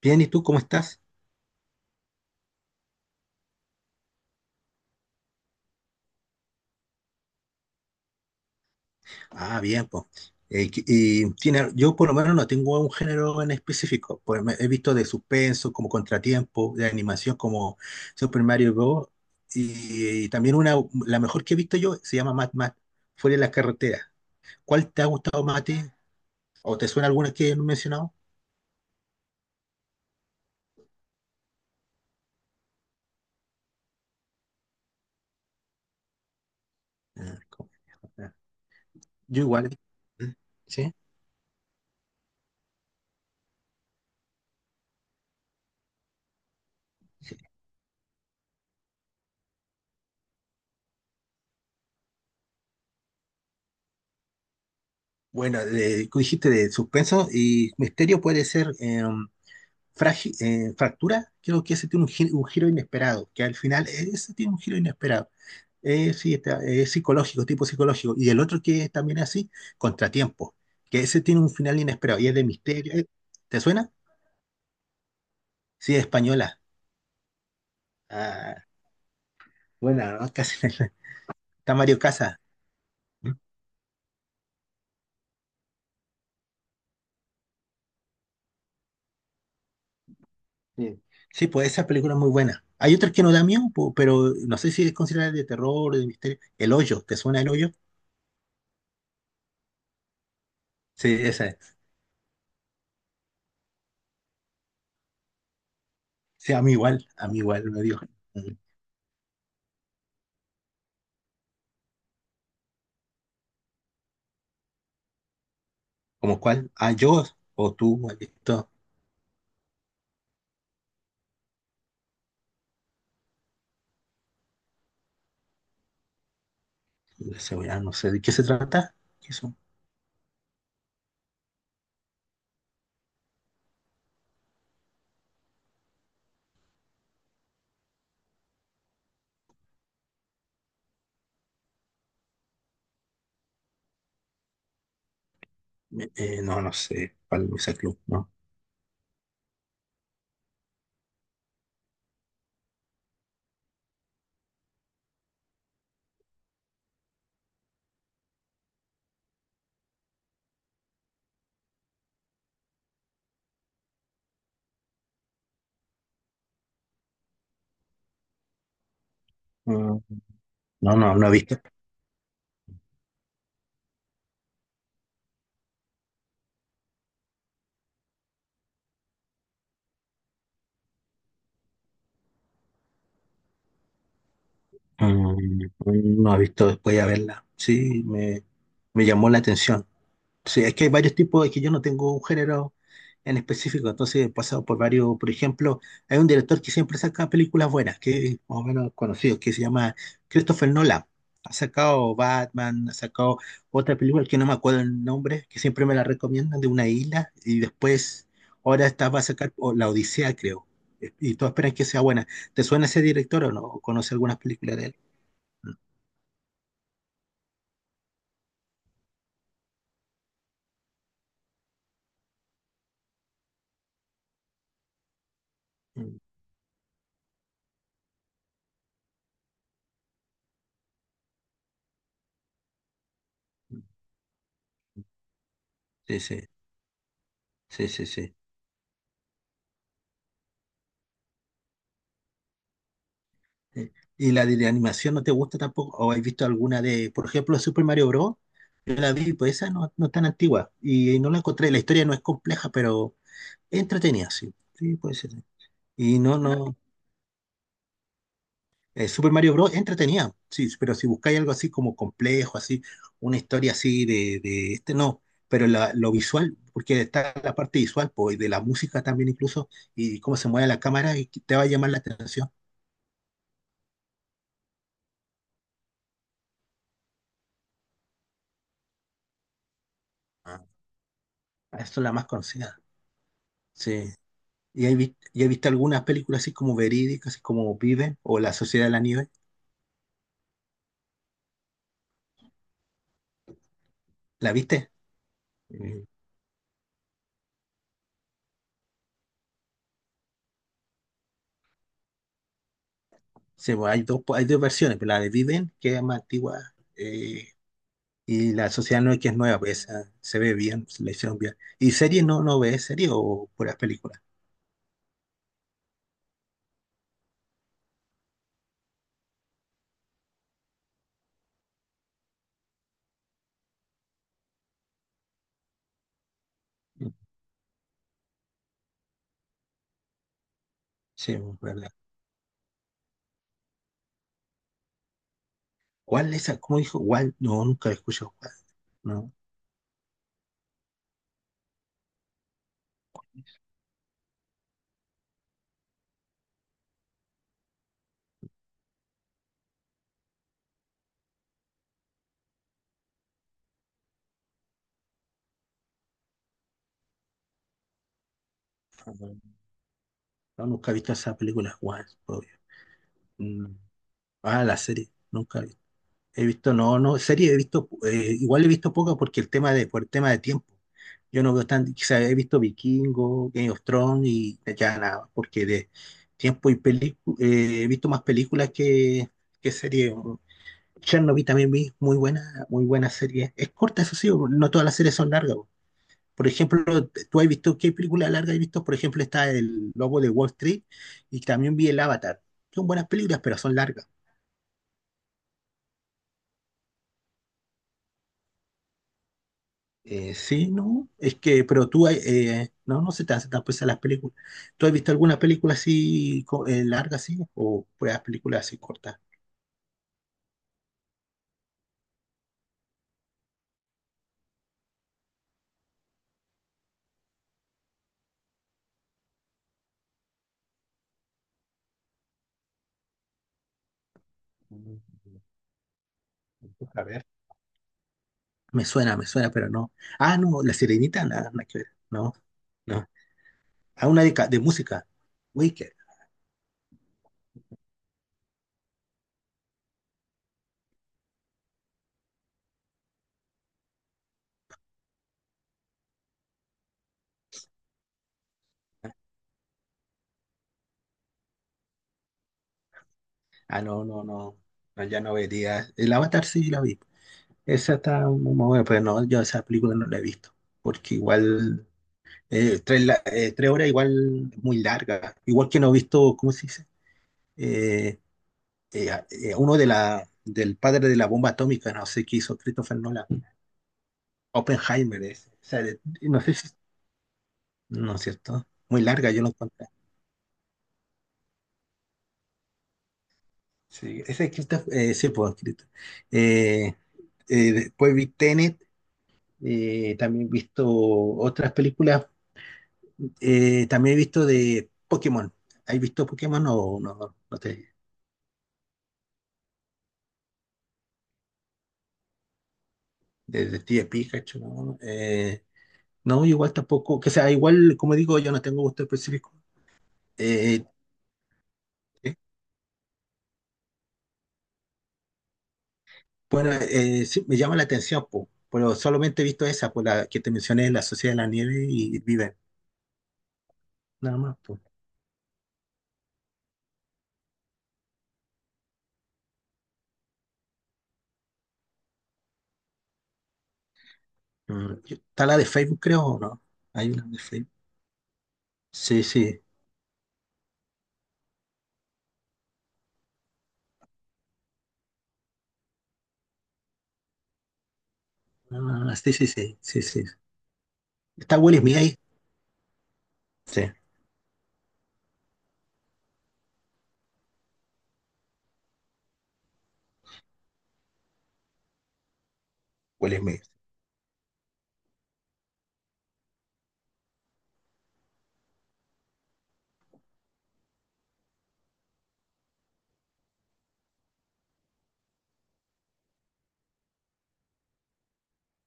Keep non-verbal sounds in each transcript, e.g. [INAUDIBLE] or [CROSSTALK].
Bien, ¿y tú cómo estás? Ah, bien, pues. Y tiene, yo por lo menos no tengo un género en específico. He visto de suspenso, como Contratiempo, de animación como Super Mario Bros. Y también una, la mejor que he visto yo se llama Mad Max, Fuera de las carreteras. ¿Cuál te ha gustado más a ti? ¿O te suena alguna que no he mencionado? Ah, como- ah, Yo igual. ¿Mm? ¿Sí? Bueno, tú dijiste de suspenso y misterio puede ser. Fractura, creo que ese tiene un, un giro inesperado, que al final ese tiene un giro inesperado. Sí, está, es psicológico, tipo psicológico. Y el otro que es también así, contratiempo, que ese tiene un final inesperado y es de misterio. ¿Te suena? Sí, es española. Ah, buena, ¿no? Casi [LAUGHS] está Mario Casas. Sí. Sí, pues esa película es muy buena. Hay otras que no da miedo, po, pero no sé si es considerada de terror o de misterio. El Hoyo, ¿te suena El Hoyo? Sí, esa es. Sí, a mí igual me dio. Mm. ¿Como cuál? Ah, yo o tú, maldito. La cebolla, no sé. ¿De qué se trata? ¿Qué son? No, no sé. ¿Cuál es el club? No. Mm. No, no, no he visto. Mm. No he visto después de verla. Sí, me llamó la atención. Sí, es que hay varios tipos, es que yo no tengo un género en específico, entonces he pasado por varios, por ejemplo, hay un director que siempre saca películas buenas, que es más o menos conocido, que se llama Christopher Nolan. Ha sacado Batman, ha sacado otra película que no me acuerdo el nombre, que siempre me la recomiendan, de una isla, y después, ahora está, va a sacar o, La Odisea, creo, y todos esperan que sea buena. ¿Te suena ese director o no? ¿O conoce algunas películas de él? Mm, mm, mm. Sí, sí, sí, sí, sí. Eh, ¿Y la de animación no te gusta tampoco? ¿O has visto alguna de, por ejemplo, Super Mario Bros? Yo la vi, pues esa no, no es tan antigua y no la encontré. La historia no es compleja, pero es entretenida, sí. Sí, puede ser. Y no, no. Super Mario Bros. Es entretenida, sí, pero si buscáis algo así como complejo, así, una historia así de este, no. Pero lo visual, porque está la parte visual, pues, y de la música también incluso, y cómo se mueve la cámara, y te va a llamar la atención. Ah. Esa es la más conocida. Sí. Y has visto algunas películas así como verídicas, así como Viven o La Sociedad de la Nieve? ¿La viste? Eh, sí, bueno, hay dos, pues, hay dos versiones, pero la de Viven, que es más antigua, eh, y La Sociedad de la Nieve, que es nueva, pues esa se ve bien, se la hicieron bien. ¿Y series no, no ves series o puras películas? Sí, bueno, verdad. ¿Cuál esa? ¿Cómo dijo? ¿Cuál? No, nunca he escuchado. ¿Cuál? No, no, nunca he visto esa película. ¿Cuál? Obvio. Mm. Ah, la serie. Nunca. He visto, no, no, serie he visto, igual he visto poca porque el tema de, por el tema de tiempo. Yo no veo tan, quizás he visto Vikingo, Game of Thrones y ya nada, porque de tiempo y película, he visto más películas que series. Chernobyl también vi, muy buena serie. Es corta, eso sí, no todas las series son largas. Po. Por ejemplo, tú has visto, ¿qué película larga has visto? Por ejemplo, está El Lobo de Wall Street y también vi El Avatar. Son buenas películas, pero son largas. Sí, no, es que, pero tú, no, no se te hace tan pesada las películas. ¿Tú has visto alguna película así larga, así? ¿O pues, películas así cortas? Mm. A ver. Me suena, pero no. Ah, no, La Sirenita, nada, nada que ver. No, no. Ah, una de, de música. Wicked. Ah, no, no, no. No, ya no vería. El Avatar sí la vi. Esa está muy buena, pero no, yo esa película no la he visto. Porque igual. Tres horas igual es muy larga. Igual que no he visto, ¿cómo se dice? Eh, Uno de la, del padre de la bomba atómica, no sé qué hizo Christopher Nolan. Oppenheimer es. O sea, de- no sé si. No es cierto. Muy larga, yo lo encontré. Sí, ese es Christopher, sí, pues, Christopher. Eh, Después vi Tenet, también he visto otras películas. También he visto de Pokémon. ¿Has visto Pokémon o no? No, de Detective Pikachu, ¿no? No, igual tampoco, que sea, igual, como digo, yo no tengo gusto específico. Eh, eh, bueno, sí, me llama la atención, po, pero solamente he visto esa, por la que te mencioné, La Sociedad de la Nieve y Viven, nada más, po. Mm. Está la de Facebook, creo, ¿o no? Hay una de Facebook. Sí, sí. Ah, sí, sí, sí, sí, sí. ¿Está Will Smith ahí? Sí, Will Smith.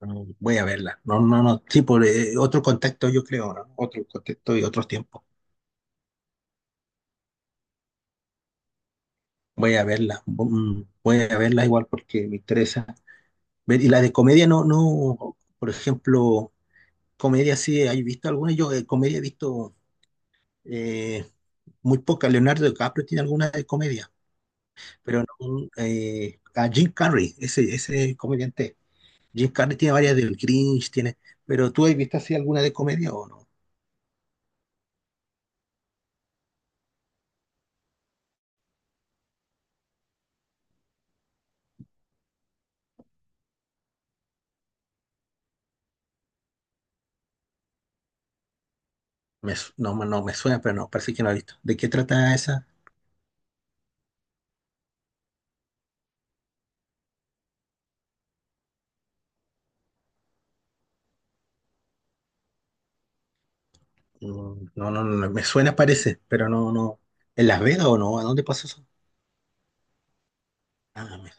Mm. Voy a verla. No, no, no. Sí, por otro contexto, yo creo, ¿no? Otro contexto y otros tiempos. Voy a verla, mm, voy a verla igual porque me interesa. Y la de comedia no, no, por ejemplo, comedia sí, ¿hay visto alguna? Yo de comedia he visto eh, muy poca. Leonardo DiCaprio tiene alguna de comedia, pero no, a Jim Carrey, ese comediante. Jim Carrey tiene varias del Grinch, tiene, pero ¿tú has visto así alguna de comedia o no? No, no me suena, pero no, parece que no he visto. ¿De qué trata esa? Mm. No, no, no, me suena, parece, pero no, no. ¿En Las Vegas o no? ¿A dónde pasó eso? Ah, me-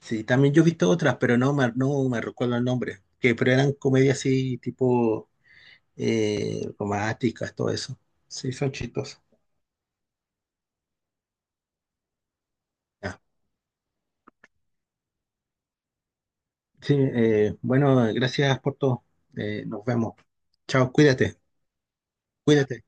sí, también yo he visto otras, pero no me, no me recuerdo el nombre. Que, pero eran comedias así, tipo románticas, todo eso. Sí, son chistosas. Ya. Sí, bueno, gracias por todo. Nos vemos. Chao, cuídate, cuídate.